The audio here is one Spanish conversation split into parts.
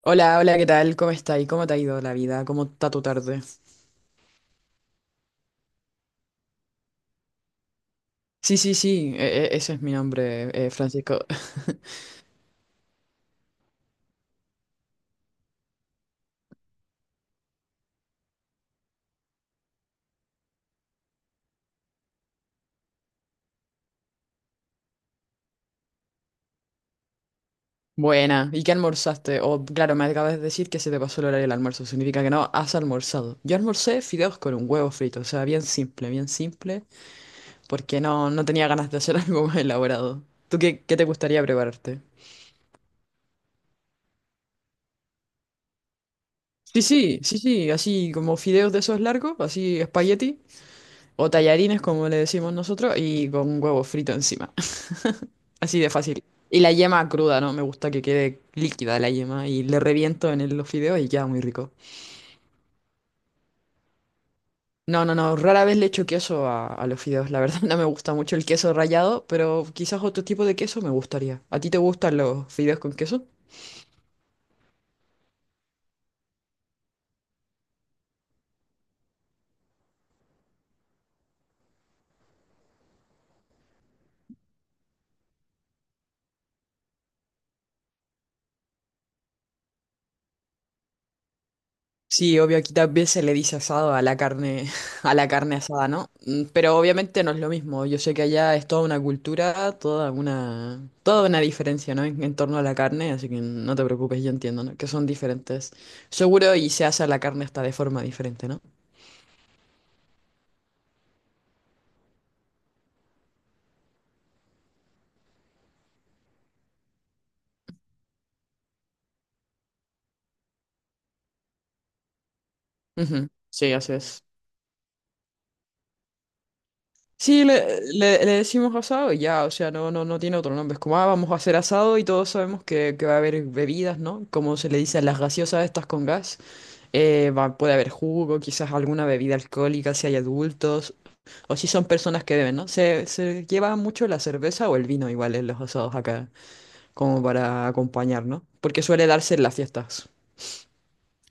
Hola, hola, ¿qué tal? ¿Cómo está, y cómo te ha ido la vida? ¿Cómo está tu tarde? Sí, sí, sí, ese es mi nombre, Francisco. Buena, ¿y qué almorzaste? O, claro, me acabas de decir que se te pasó el horario del almuerzo, significa que no has almorzado. Yo almorcé fideos con un huevo frito, o sea, bien simple, porque no, no tenía ganas de hacer algo más elaborado. ¿Tú qué te gustaría prepararte? Sí, sí, sí, sí, así como fideos de esos largos, así espagueti, o tallarines como le decimos nosotros, y con huevo frito encima. Así de fácil. Y la yema cruda, ¿no? Me gusta que quede líquida la yema y le reviento en los fideos y queda muy rico. No, no, no, rara vez le echo queso a los fideos, la verdad no me gusta mucho el queso rallado, pero quizás otro tipo de queso me gustaría. ¿A ti te gustan los fideos con queso? Sí, obvio, aquí también se le dice asado a la carne, a la carne asada, ¿no? Mm, pero obviamente no es lo mismo. Yo sé que allá es toda una cultura, toda una diferencia, ¿no? En torno a la carne, así que no te preocupes, yo entiendo, ¿no? Que son diferentes. Seguro y se hace la carne hasta de forma diferente, ¿no? Ujú, sí, así es. Sí, le decimos asado y ya, o sea, no, no, no tiene otro nombre. Es como, ah, vamos a hacer asado y todos sabemos que, va a haber bebidas, ¿no? Como se le dice a las gaseosas estas con gas. Puede haber jugo, quizás alguna bebida alcohólica si hay adultos o si son personas que beben, ¿no? Se lleva mucho la cerveza o el vino igual en los asados acá, como para acompañar, ¿no? Porque suele darse en las fiestas.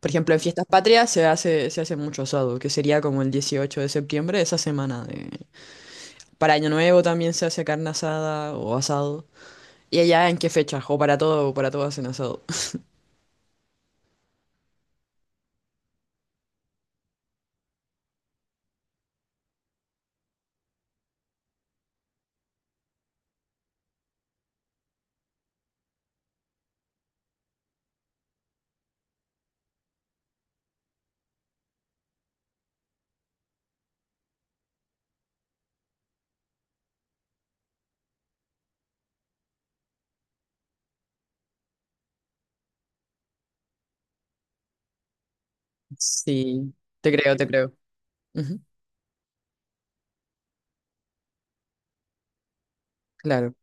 Por ejemplo, en fiestas patrias se hace mucho asado, que sería como el 18 de septiembre, esa semana para Año Nuevo también se hace carne asada o asado. ¿Y allá en qué fechas? O para todo hacen asado. Sí, te creo, te creo. Ujú, claro.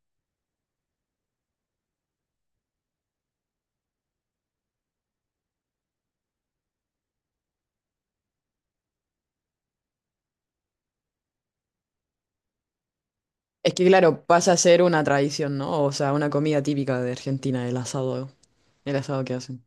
Es que claro, pasa a ser una tradición, ¿no? O sea, una comida típica de Argentina, el asado que hacen.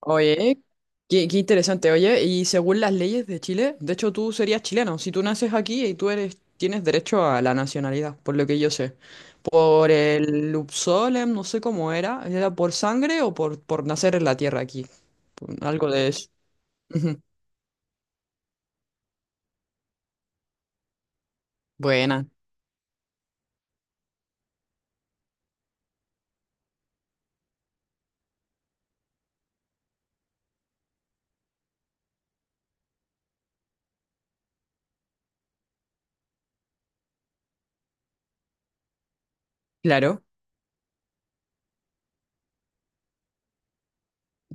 Oye, qué interesante. Oye, y según las leyes de Chile, de hecho tú serías chileno. Si tú naces aquí y tú eres, tienes derecho a la nacionalidad, por lo que yo sé. Por el Upsolem, no sé cómo era. ¿Era por sangre o por nacer en la tierra aquí? Algo de eso. Ujú. Buena, claro.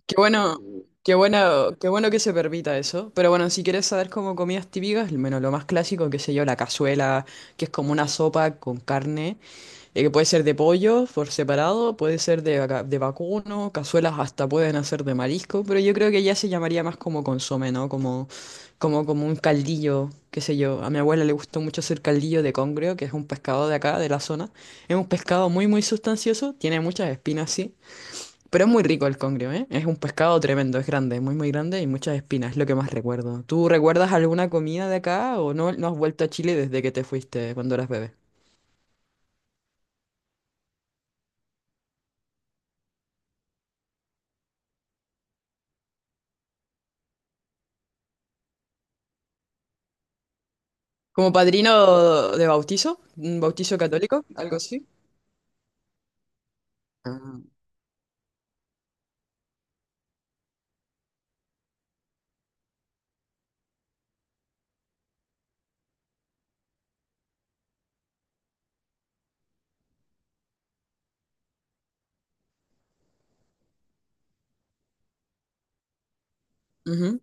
Qué bueno, qué bueno, qué bueno que se permita eso. Pero bueno, si quieres saber como comidas típicas, al menos lo más clásico, qué sé yo, la cazuela, que es como una sopa con carne. Puede ser de pollo por separado, puede ser de vacuno, cazuelas hasta pueden hacer de marisco, pero yo creo que ya se llamaría más como consomé, ¿no? Como un caldillo, qué sé yo. A mi abuela le gustó mucho hacer caldillo de congrio, que es un pescado de acá, de la zona. Es un pescado muy, muy sustancioso, tiene muchas espinas, sí, pero es muy rico el congrio, ¿eh? Es un pescado tremendo, es grande, muy, muy grande y muchas espinas, es lo que más recuerdo. ¿Tú recuerdas alguna comida de acá o no, no has vuelto a Chile desde que te fuiste cuando eras bebé? Como padrino de bautizo, un bautizo católico, algo así. Ah, ujú.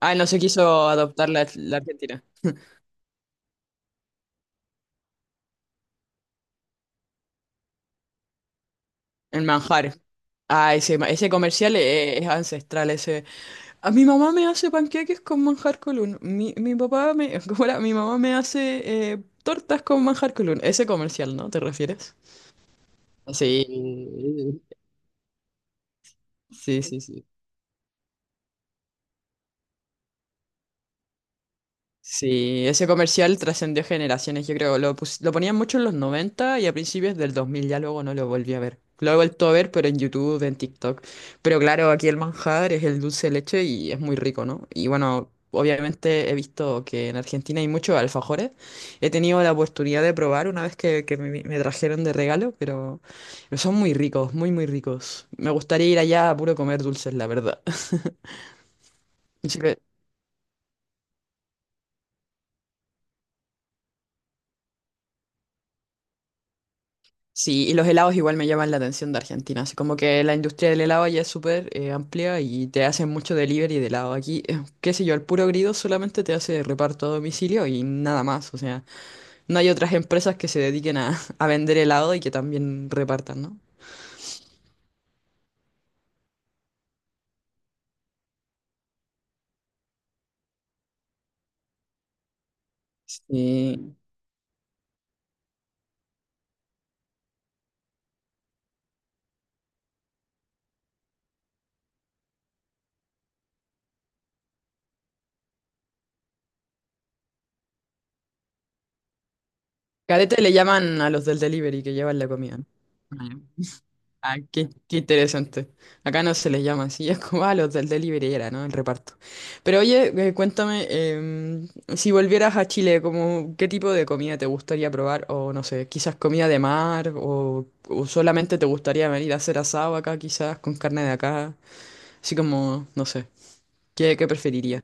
Ah, no se quiso adoptar la, la Argentina. El manjar. Ah, ese comercial es, ancestral, ese. A mi mamá me hace panqueques con manjar colún. Mi papá me. ¿Cómo era? Mi mamá me hace tortas con manjar colún. Ese comercial, ¿no? ¿Te refieres? Sí. Sí, sí, sí. Sí, ese comercial trascendió generaciones, yo creo. Lo, lo ponían mucho en los 90 y a principios del 2000, ya luego no lo volví a ver. Lo he vuelto a ver, pero en YouTube, en TikTok. Pero claro, aquí el manjar es el dulce de leche y es muy rico, ¿no? Y bueno, obviamente he visto que en Argentina hay muchos alfajores. He tenido la oportunidad de probar una vez que, que me trajeron de regalo, pero son muy ricos, muy, muy ricos. Me gustaría ir allá a puro comer dulces, la verdad. Sí, y los helados igual me llaman la atención de Argentina, así como que la industria del helado ya es súper amplia y te hacen mucho delivery de helado. Aquí, qué sé yo, el puro grido solamente te hace reparto a domicilio y nada más, o sea, no hay otras empresas que se dediquen a vender helado y que también repartan, ¿no? Sí. Carete le llaman a los del delivery que llevan la comida. Ah, qué interesante. Acá no se les llama así, es como a los del delivery era, ¿no? El reparto. Pero oye, cuéntame, si volvieras a Chile, como, ¿qué tipo de comida te gustaría probar? O no sé, quizás comida de mar, o solamente te gustaría venir a hacer asado acá, quizás, con carne de acá. Así como, no sé, ¿qué preferirías?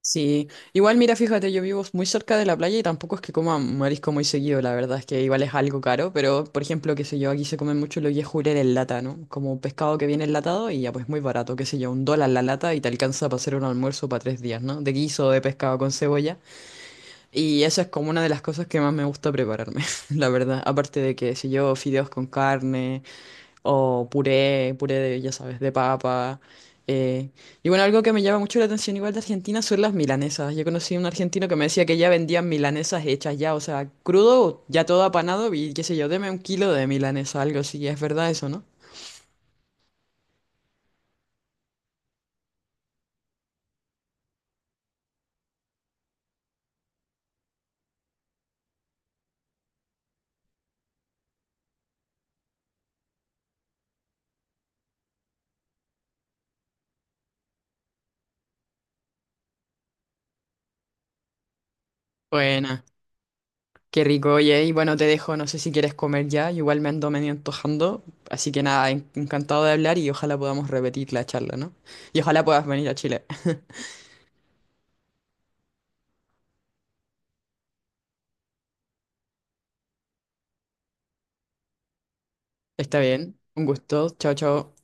Sí, igual mira, fíjate, yo vivo muy cerca de la playa y tampoco es que coma marisco muy seguido, la verdad es que igual es algo caro, pero por ejemplo, qué sé yo, aquí se come mucho lo que es jurel en lata, ¿no? Como pescado que viene enlatado y ya pues muy barato, qué sé yo, $1 la lata y te alcanza para hacer un almuerzo para 3 días, ¿no? De guiso de pescado con cebolla y eso es como una de las cosas que más me gusta prepararme, la verdad, aparte de que, qué sé yo, fideos con carne. O puré, puré de, ya sabes, de papa. eh, Y bueno, algo que me llama mucho la atención igual de Argentina son las milanesas. Yo conocí a un argentino que me decía que ya vendían milanesas hechas ya, o sea, crudo, ya todo apanado y qué sé yo, deme 1 kilo de milanesa, algo así. Es verdad eso, ¿no? Buena, qué rico, oye. Y bueno, te dejo, no sé si quieres comer ya, igual me ando medio antojando. Así que nada, encantado de hablar y ojalá podamos repetir la charla, ¿no? Y ojalá puedas venir a Chile. Está bien, un gusto, chao, chao.